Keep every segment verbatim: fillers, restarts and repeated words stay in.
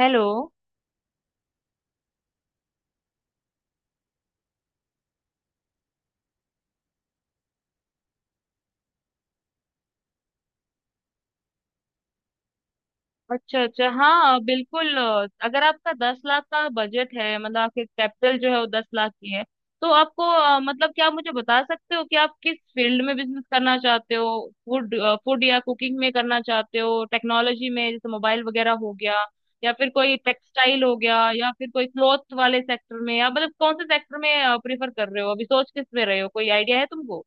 Hello. अच्छा अच्छा, हाँ बिल्कुल। अ, अगर आपका दस लाख का बजट है मतलब आपके कैपिटल जो है वो दस लाख की है। तो आपको अ, मतलब क्या आप मुझे बता सकते हो कि आप किस फील्ड में बिजनेस करना चाहते हो? फूड, फूड या कुकिंग में करना चाहते हो? टेक्नोलॉजी में जैसे मोबाइल वगैरह हो गया या फिर कोई टेक्सटाइल हो गया या फिर कोई क्लॉथ वाले सेक्टर में? या मतलब कौन से सेक्टर में प्रेफर कर रहे हो? अभी सोच किस में रहे हो? कोई आइडिया है तुमको?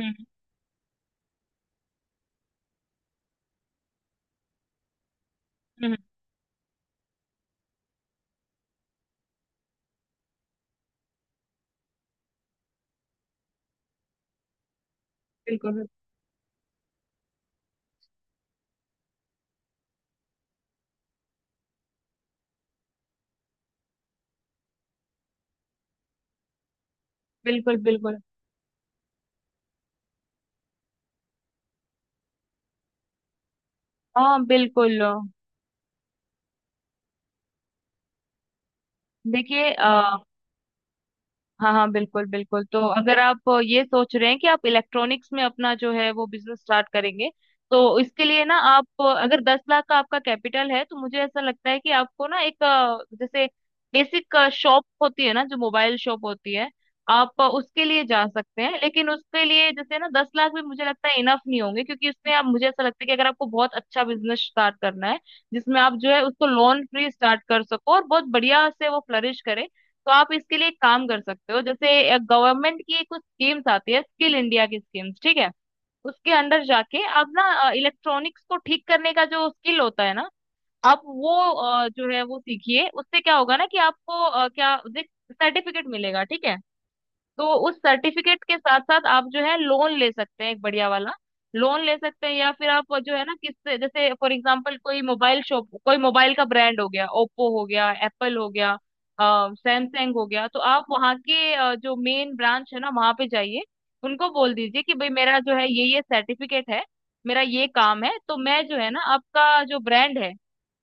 हम्म। हम्म। बिल्कुल बिल्कुल बिल्कुल। हाँ बिल्कुल। देखिए अ, हाँ हाँ बिल्कुल बिल्कुल। तो अगर आप ये सोच रहे हैं कि आप इलेक्ट्रॉनिक्स में अपना जो है वो बिजनेस स्टार्ट करेंगे, तो इसके लिए ना, आप अगर दस लाख का आपका कैपिटल है तो मुझे ऐसा लगता है कि आपको ना एक अ, जैसे बेसिक शॉप होती है ना, जो मोबाइल शॉप होती है, आप उसके लिए जा सकते हैं। लेकिन उसके लिए जैसे ना दस लाख भी मुझे लगता है इनफ नहीं होंगे, क्योंकि उसमें आप, मुझे ऐसा लगता है कि अगर आपको बहुत अच्छा बिजनेस स्टार्ट करना है जिसमें आप जो है उसको लोन फ्री स्टार्ट कर सको और बहुत बढ़िया से वो फ्लरिश करे, तो आप इसके लिए एक काम कर सकते हो। जैसे गवर्नमेंट की कुछ स्कीम्स आती है, स्किल इंडिया की स्कीम्स, ठीक है। उसके अंडर जाके आप ना इलेक्ट्रॉनिक्स को ठीक करने का जो स्किल होता है ना, आप वो अ, जो है वो सीखिए। उससे क्या होगा ना, कि आपको अ, क्या सर्टिफिकेट मिलेगा, ठीक है। तो उस सर्टिफिकेट के साथ साथ आप जो है लोन ले सकते हैं, एक बढ़िया वाला लोन ले सकते हैं। या फिर आप जो है ना, किससे जैसे फॉर एग्जांपल कोई मोबाइल शॉप, कोई मोबाइल का ब्रांड हो गया, ओप्पो हो गया, एप्पल हो गया, सैमसंग हो गया, तो आप वहाँ के अ, जो मेन ब्रांच है ना वहाँ पे जाइए। उनको बोल दीजिए कि भाई मेरा जो है ये ये सर्टिफिकेट है, मेरा ये काम है, तो मैं जो है ना आपका जो ब्रांड है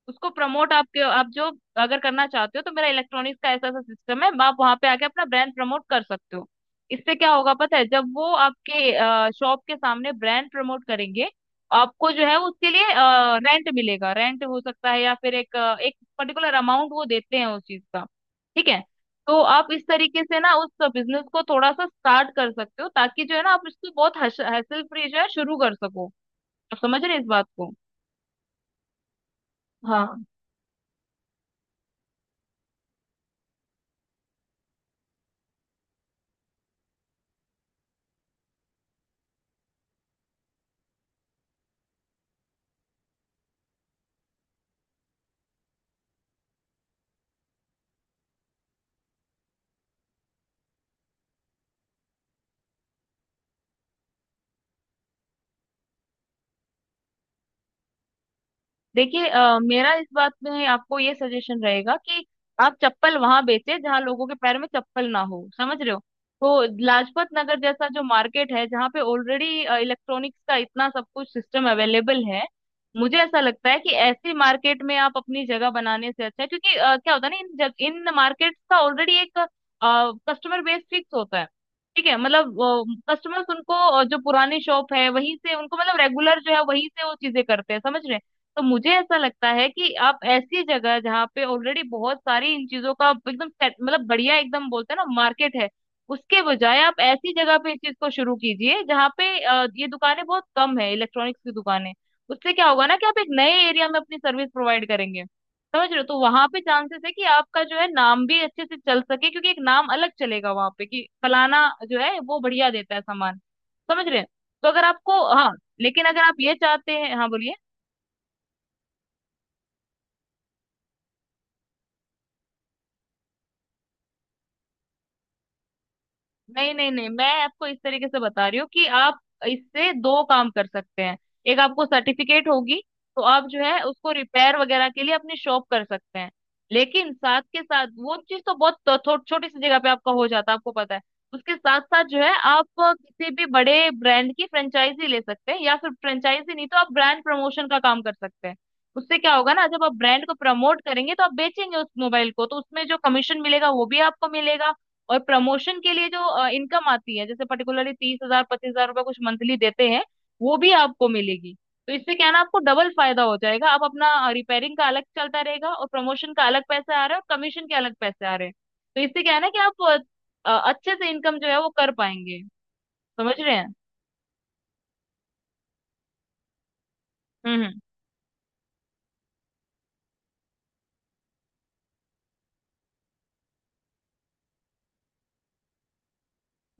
उसको प्रमोट आपके आप जो अगर करना चाहते हो तो मेरा इलेक्ट्रॉनिक्स का ऐसा ऐसा सिस्टम है, आप वहां पे आके अपना ब्रांड प्रमोट कर सकते हो। इससे क्या होगा पता है? जब वो आपके शॉप के सामने ब्रांड प्रमोट करेंगे, आपको जो है उसके लिए रेंट मिलेगा, रेंट हो सकता है या फिर एक अ, एक पर्टिकुलर अमाउंट वो देते हैं उस चीज का, ठीक है। तो आप इस तरीके से ना उस बिजनेस को थोड़ा सा स्टार्ट कर सकते हो ताकि जो है ना आप इसको बहुत हैसल फ्री जो है शुरू कर सको। आप समझ रहे हैं इस बात को? हाँ। देखिए अ, मेरा इस बात में आपको ये सजेशन रहेगा कि आप चप्पल वहां बेचे जहां लोगों के पैर में चप्पल ना हो, समझ रहे हो? तो लाजपत नगर जैसा जो मार्केट है जहाँ पे ऑलरेडी इलेक्ट्रॉनिक्स का इतना सब कुछ सिस्टम अवेलेबल है, मुझे ऐसा लगता है कि ऐसी मार्केट में आप अपनी जगह बनाने से अच्छा है, क्योंकि अ, क्या होता है ना, इन जग, इन मार्केट का ऑलरेडी एक कस्टमर बेस फिक्स होता है, ठीक है मतलब। कस्टमर्स उनको अ, जो पुरानी शॉप है वहीं से, उनको मतलब रेगुलर जो है वहीं से वो चीजें करते हैं, समझ रहे हैं? तो मुझे ऐसा लगता है कि आप ऐसी जगह जहाँ पे ऑलरेडी बहुत सारी इन चीजों का एकदम set- मतलब बढ़िया एकदम, बोलते हैं ना, मार्केट है, उसके बजाय आप ऐसी जगह पे इस चीज को शुरू कीजिए जहाँ पे अ, ये दुकानें बहुत कम है, इलेक्ट्रॉनिक्स की दुकानें। उससे क्या होगा ना, कि आप एक नए एरिया में अपनी सर्विस प्रोवाइड करेंगे, समझ रहे हो? तो वहां पे चांसेस है कि आपका जो है नाम भी अच्छे से चल सके, क्योंकि एक नाम अलग चलेगा वहां पे कि फलाना जो है वो बढ़िया देता है सामान, समझ रहे हैं? तो अगर आपको, हाँ, लेकिन अगर आप ये चाहते हैं, हाँ बोलिए। नहीं, नहीं, नहीं, मैं आपको इस तरीके से बता रही हूँ कि आप इससे दो काम कर सकते हैं। एक, आपको सर्टिफिकेट होगी तो आप जो है उसको रिपेयर वगैरह के लिए अपनी शॉप कर सकते हैं। लेकिन साथ के साथ वो चीज तो बहुत थो, थो, छोटी सी जगह पे आपका हो जाता है, आपको पता है। उसके साथ साथ जो है आप किसी भी बड़े ब्रांड की फ्रेंचाइजी ले सकते हैं, या फिर फ्रेंचाइजी नहीं तो आप ब्रांड प्रमोशन का काम कर सकते हैं। उससे क्या होगा ना, जब आप ब्रांड को प्रमोट करेंगे तो आप बेचेंगे उस मोबाइल को, तो उसमें जो कमीशन मिलेगा वो भी आपको मिलेगा। और प्रमोशन के लिए जो इनकम आती है, जैसे पर्टिकुलरली तीस हजार पच्चीस हजार रुपये कुछ मंथली देते हैं, वो भी आपको मिलेगी। तो इससे क्या है ना, आपको डबल फायदा हो जाएगा, आप अपना रिपेयरिंग का अलग चलता रहेगा और प्रमोशन का अलग पैसे आ रहे हैं और कमीशन के अलग पैसे आ रहे हैं। तो इससे क्या है ना, कि आप अ, अच्छे से इनकम जो है वो कर पाएंगे। समझ रहे हैं? हम्म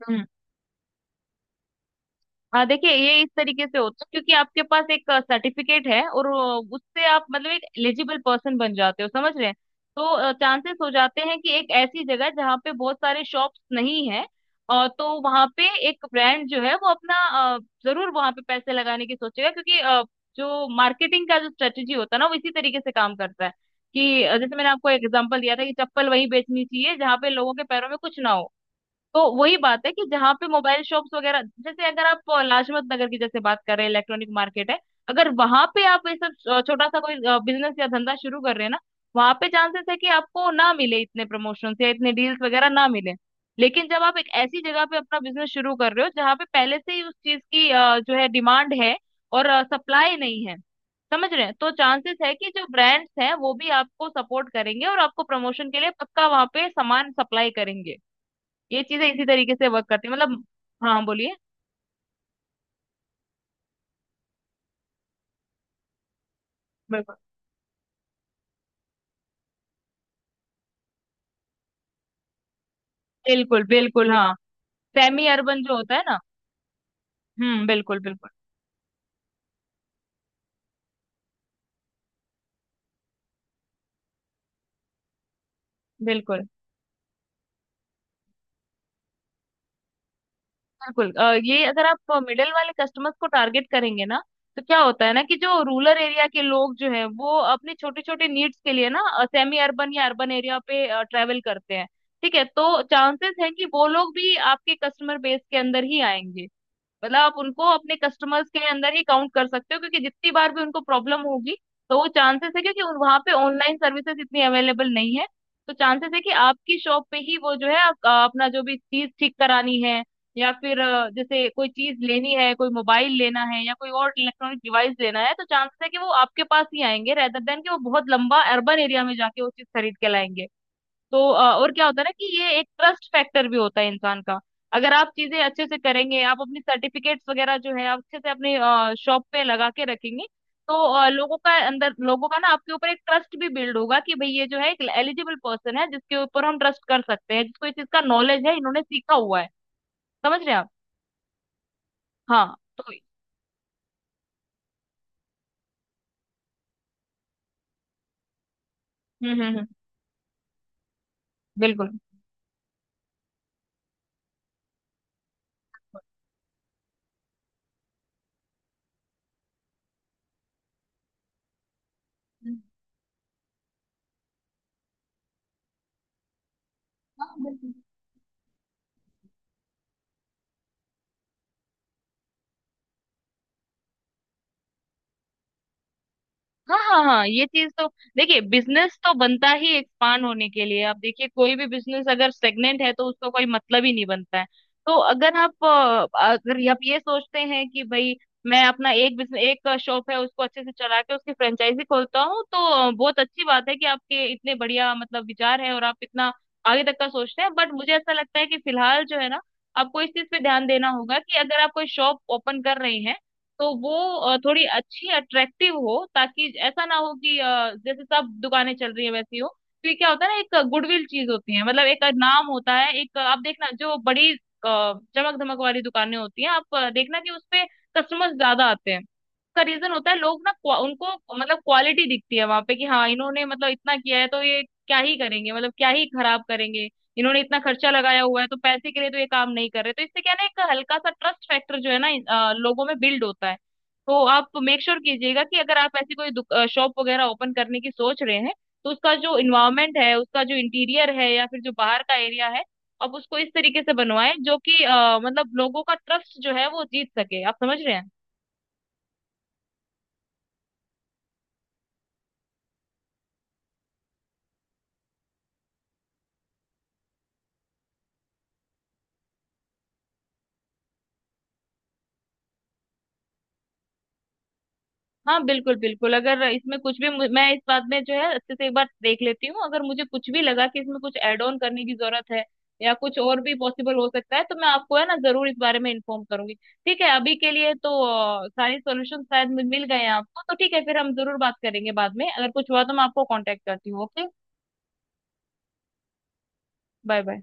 हम्म। हाँ देखिए ये इस तरीके से होता है, क्योंकि आपके पास एक सर्टिफिकेट है और अ, उससे आप मतलब एक एलिजिबल पर्सन बन जाते हो, समझ रहे हैं? तो चांसेस हो जाते हैं कि एक ऐसी जगह जहाँ पे बहुत सारे शॉप्स नहीं है, और तो वहाँ पे एक ब्रांड जो है वो अपना अ, जरूर वहाँ पे पैसे लगाने की सोचेगा, क्योंकि अ, जो मार्केटिंग का जो स्ट्रेटेजी होता है ना वो इसी तरीके से काम करता है, कि अ, जैसे मैंने आपको एग्जांपल दिया था कि चप्पल वहीं बेचनी चाहिए जहाँ पे लोगों के पैरों में कुछ ना हो। तो वही बात है कि जहाँ पे मोबाइल शॉप्स वगैरह, जैसे अगर आप अ, लाजपत नगर की जैसे बात कर रहे हैं, इलेक्ट्रॉनिक मार्केट है, अगर वहां पे आप ये सब अ, छोटा सा कोई बिजनेस या धंधा शुरू कर रहे हैं ना, वहां पे चांसेस है कि आपको ना मिले इतने प्रमोशंस या इतने डील्स वगैरह ना मिले। लेकिन जब आप एक ऐसी जगह पे अपना बिजनेस शुरू कर रहे हो जहाँ पे पहले से ही उस चीज की अ, जो है डिमांड है और सप्लाई नहीं है, समझ रहे हैं? तो चांसेस है कि जो ब्रांड्स हैं वो भी आपको सपोर्ट करेंगे और आपको प्रमोशन के लिए पक्का वहां पे सामान सप्लाई करेंगे। ये चीजें इसी तरीके से वर्क करती है मतलब। हाँ बोलिए। बिल्कुल बिल्कुल बिल्कुल। हाँ, सेमी अर्बन जो होता है ना। हम्म बिल्कुल बिल्कुल। बिल्कुल बिल्कुल अ, ये अगर आप मिडिल वाले कस्टमर्स को टारगेट करेंगे ना, तो क्या होता है ना, कि जो रूरल एरिया के लोग जो है वो अपनी छोटी छोटी नीड्स के लिए ना सेमी अर्बन या अर्बन एरिया पे ट्रैवल करते हैं। ठीक है, तो चांसेस है कि वो लोग भी आपके कस्टमर बेस के अंदर ही आएंगे, मतलब आप उनको अपने कस्टमर्स के अंदर ही काउंट कर सकते हो, क्योंकि जितनी बार भी उनको प्रॉब्लम होगी, तो वो चांसेस है, क्योंकि वहां पे ऑनलाइन सर्विसेज इतनी अवेलेबल नहीं है। तो चांसेस है कि आपकी शॉप पे ही वो जो है आप, आ, अपना जो भी चीज ठीक करानी है या फिर अ, जैसे कोई चीज लेनी है, कोई मोबाइल लेना है या कोई और इलेक्ट्रॉनिक डिवाइस लेना है, तो चांसेस है कि वो आपके पास ही आएंगे, रेदर देन कि वो बहुत लंबा अर्बन एरिया में जाके वो चीज खरीद के लाएंगे। तो अ, और क्या होता है ना, कि ये एक ट्रस्ट फैक्टर भी होता है इंसान का। अगर आप चीजें अच्छे से करेंगे, आप अपनी सर्टिफिकेट्स वगैरह जो है आप अच्छे से अपने शॉप पे लगा के रखेंगे, तो अ, लोगों का अंदर, लोगों का ना आपके ऊपर एक ट्रस्ट भी बिल्ड होगा कि भाई ये जो है एक एलिजिबल पर्सन है जिसके ऊपर हम ट्रस्ट कर सकते हैं, जिसको इस चीज का नॉलेज है, इन्होंने सीखा हुआ है। समझ रहे हैं आप? हाँ तो। हम्म हम्म हम्म। बिल्कुल। हम्म, हाँ, बिल्कुल। हाँ हाँ हाँ, ये चीज तो, देखिए, बिजनेस तो बनता ही एक्सपांड होने के लिए। आप देखिए कोई भी बिजनेस अगर स्टेगनेंट है तो उसका कोई मतलब ही नहीं बनता है। तो अगर आप अ, अगर आप ये सोचते हैं कि भाई मैं अपना एक बिजनेस, एक शॉप है उसको अच्छे से चला के उसकी फ्रेंचाइजी खोलता हूँ, तो अ, बहुत अच्छी बात है कि आपके इतने बढ़िया मतलब विचार है और आप इतना आगे तक का सोचते हैं, बट मुझे ऐसा लगता है कि फिलहाल जो है ना, आपको इस चीज पे ध्यान देना होगा कि अगर आप कोई शॉप ओपन कर रहे हैं तो वो अ, थोड़ी अच्छी अट्रैक्टिव हो, ताकि ऐसा ना हो कि अ, जैसे सब दुकानें चल रही है वैसी हो। तो ये क्या होता है ना, एक गुडविल चीज होती है, मतलब एक नाम होता है। एक, आप देखना जो बड़ी चमक धमक वाली दुकानें होती हैं, आप देखना कि उसपे कस्टमर्स ज्यादा आते हैं, का रीजन होता है। लोग ना क्वा- उनको मतलब क्वालिटी दिखती है वहां पे, कि हाँ, इन्होंने मतलब इतना किया है, तो ये क्या ही करेंगे, मतलब क्या ही खराब करेंगे, इन्होंने इतना खर्चा लगाया हुआ है, तो पैसे के लिए तो ये काम नहीं कर रहे। तो इससे क्या है ना, एक हल्का सा ट्रस्ट फैक्टर जो है ना अ, लोगों में बिल्ड होता है। तो आप मेक श्योर कीजिएगा कि अगर आप ऐसी कोई शॉप वगैरह ओपन करने की सोच रहे हैं तो उसका जो इन्वायरमेंट है, उसका जो इंटीरियर है या फिर जो बाहर का एरिया है, आप उसको इस तरीके से बनवाएं जो कि अ, मतलब लोगों का ट्रस्ट जो है वो जीत सके। आप समझ रहे हैं? हाँ बिल्कुल बिल्कुल, अगर इसमें कुछ भी मु- मैं इस बात में जो है अच्छे से एक बार देख लेती हूँ, अगर मुझे कुछ भी लगा कि इसमें कुछ एड ऑन करने की जरूरत है या कुछ और भी पॉसिबल हो सकता है तो मैं आपको है ना जरूर इस बारे में इन्फॉर्म करूंगी। ठीक है, अभी के लिए तो अ, सारे सॉल्यूशन शायद मिल मिल गए हैं आपको, तो ठीक है, फिर हम जरूर बात करेंगे, बाद में अगर कुछ हुआ तो मैं आपको कांटेक्ट करती हूँ, ओके। Bye bye.